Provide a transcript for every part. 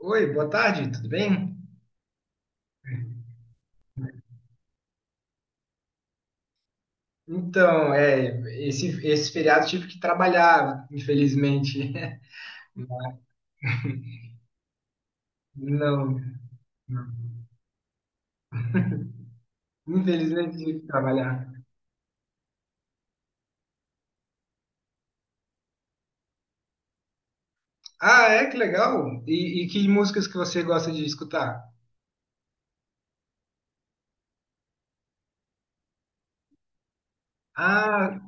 Oi, boa tarde, tudo bem? Então, é, esse feriado tive que trabalhar, infelizmente. Não, não. Infelizmente tive que trabalhar. Ah, é, que legal. E que músicas que você gosta de escutar? Ah,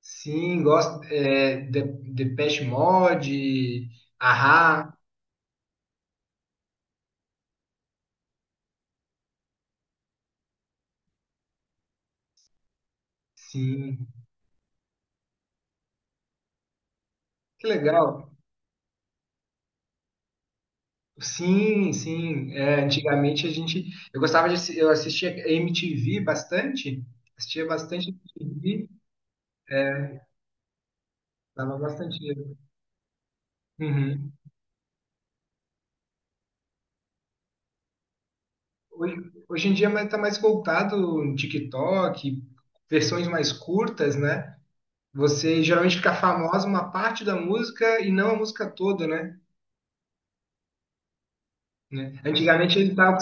sim, gosto. Depeche Mode, ahá, sim. Que legal. Sim, sim. Antigamente a gente. Eu assistia MTV bastante. Assistia bastante MTV. É, dava bastante dinheiro. Uhum. Hoje, hoje em dia tá mais voltado no TikTok, versões mais curtas, né? Você geralmente fica famosa uma parte da música e não a música toda, né? Né? Antigamente ele estava...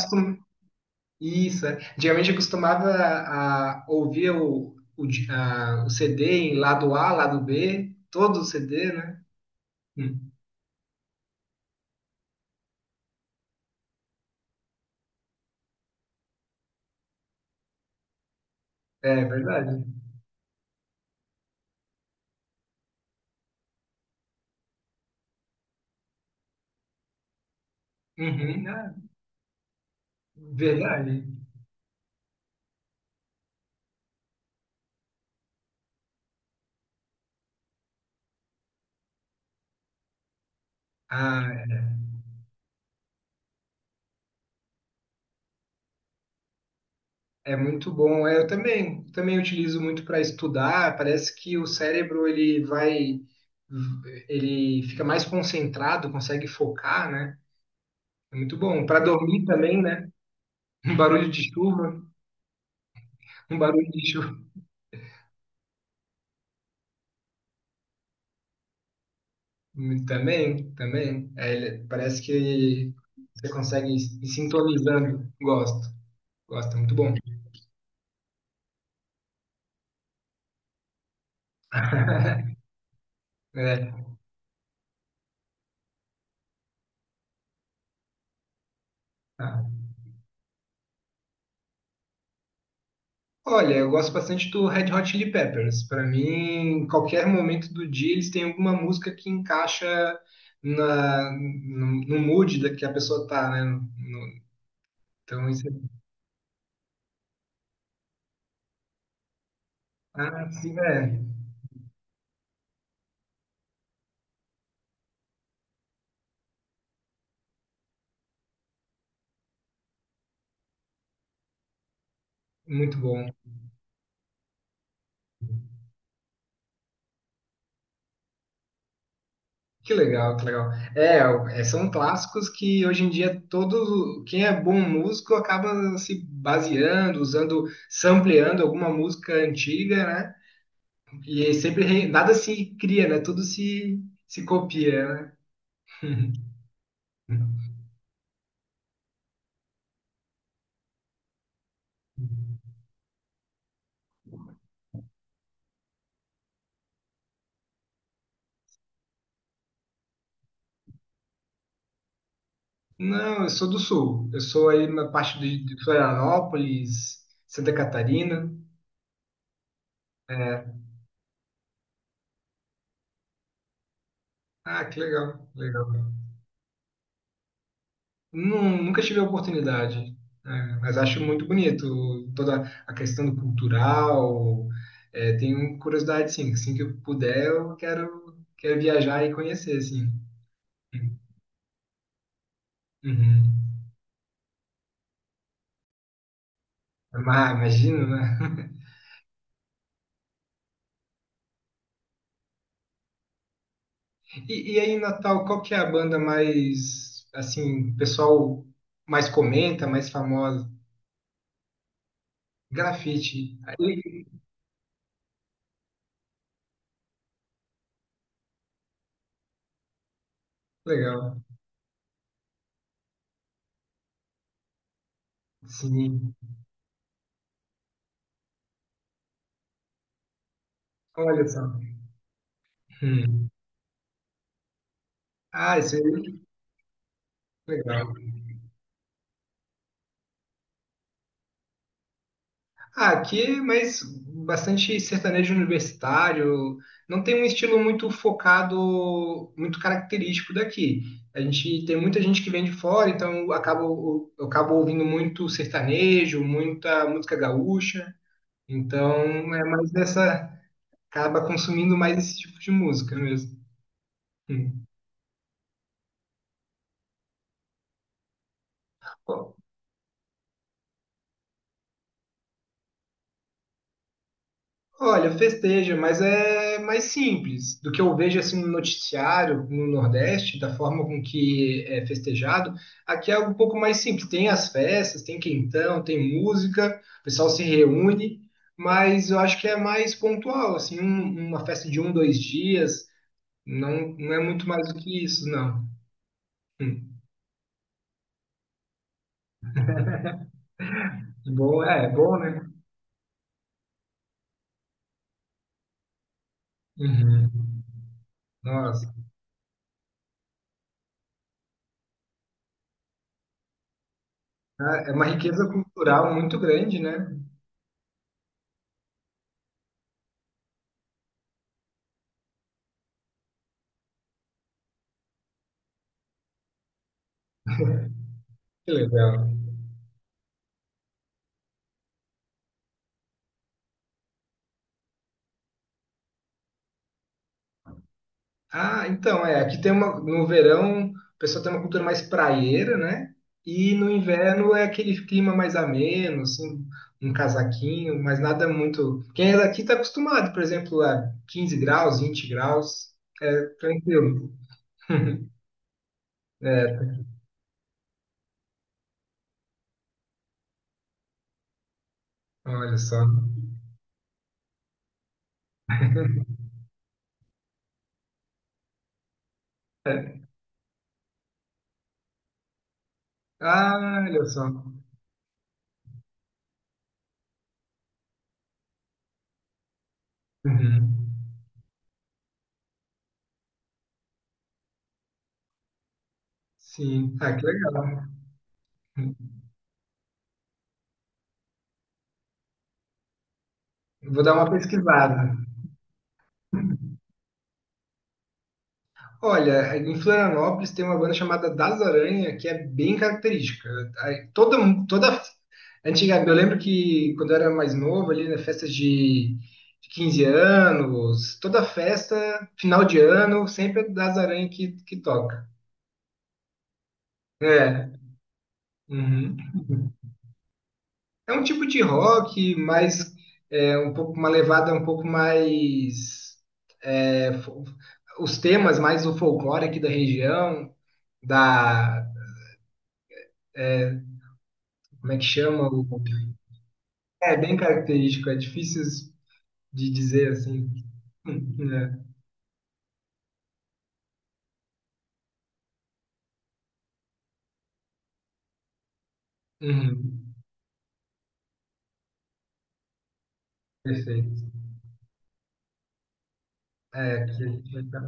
Isso, é. Antigamente eu costumava a ouvir o CD em lado A, lado B, todo o CD, né? Hum. É verdade. Uhum, ah, verdade. Ah, é é muito bom. Eu também, também utilizo muito para estudar. Parece que o cérebro ele fica mais concentrado, consegue focar, né? É muito bom. Para dormir também, né? Um barulho de chuva, um barulho de... hum, também, também. Parece que você consegue ir se sintonizando. Gosto, gosto, é muito bom. É. Ah. Olha, eu gosto bastante do Red Hot Chili Peppers. Para mim, em qualquer momento do dia, eles têm alguma música que encaixa na, no, no mood da que a pessoa tá, né? Isso é... Ah, sim, é muito bom. Que legal, que legal. São clássicos que hoje em dia todo quem é bom músico acaba se baseando, usando, sampleando alguma música antiga, né? E aí sempre nada se cria, né? Tudo se, se copia, né? Não, eu sou do sul. Eu sou aí na parte de Florianópolis, Santa Catarina. É. Ah, que legal, legal. Nunca tive a oportunidade, né? Mas acho muito bonito toda a questão do cultural. É, tenho curiosidade, sim. Assim que eu puder, quero viajar e conhecer, assim. Uhum. Ah, imagino, né? E aí, Natal, qual que é a banda mais, assim, o pessoal mais comenta, mais famosa? Grafite. Aí, legal. Sim. Olha só. Hum. Ah, isso aí, legal. Ah, aqui, mas bastante sertanejo universitário. Não tem um estilo muito focado, muito característico daqui. A gente tem muita gente que vem de fora, então eu acabo ouvindo muito sertanejo, muita música gaúcha. Então é mais dessa, acaba consumindo mais esse tipo de música mesmo. Hum. Olha, festeja, mas é mais simples do que eu vejo assim no noticiário no Nordeste, da forma com que é festejado. Aqui é um pouco mais simples. Tem as festas, tem quentão, tem música, o pessoal se reúne, mas eu acho que é mais pontual, assim, uma festa de um, dois dias, não, não é muito mais do que isso, não. Hum. Bom, é, é bom, né? Uhum. Nossa, é é uma riqueza cultural muito grande, né? Que legal. Ah, então, é, aqui tem uma, no verão, o pessoal tem uma cultura mais praieira, né? E no inverno é aquele clima mais ameno, assim, um casaquinho, mas nada muito. Quem é daqui está acostumado, por exemplo, a 15 graus, 20 graus, é tranquilo. É, olha só. É, ah, olha só. Uhum. Sim, ah, que legal. Vou dar uma pesquisada. Olha, em Florianópolis tem uma banda chamada Das Aranha, que é bem característica. Aí, Toda, toda antiga, eu lembro que quando eu era mais novo, ali de 15 anos, toda festa, final de ano, sempre é Das Aranha que toca. É, uhum. É um tipo de rock, mas é um pouco uma levada um pouco mais é, fo- os temas mais do folclore aqui da região, da é, como é que chama? É bem característico, é difícil de dizer assim. Né? Uhum, perfeito. É, que a gente vai estar.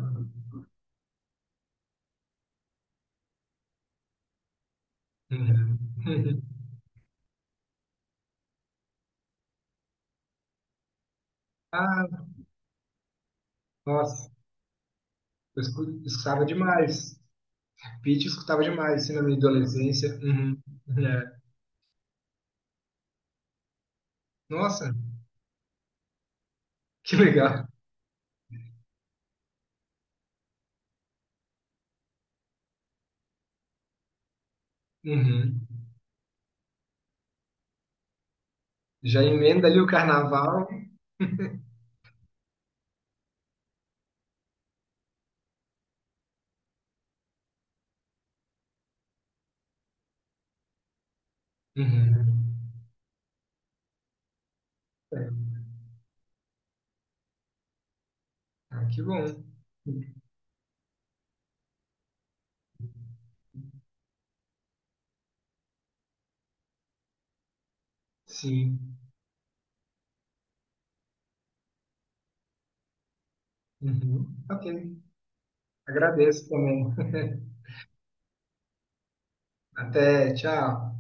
Uhum. Ah, nossa, escutava demais. Pitty eu escutava demais, assim, na minha adolescência. Uhum, né? Nossa, que legal. Uhum. Já emenda ali o carnaval. Uhum. É, ah, que bom. Sim. Uhum. Ok. Agradeço também. Até, tchau.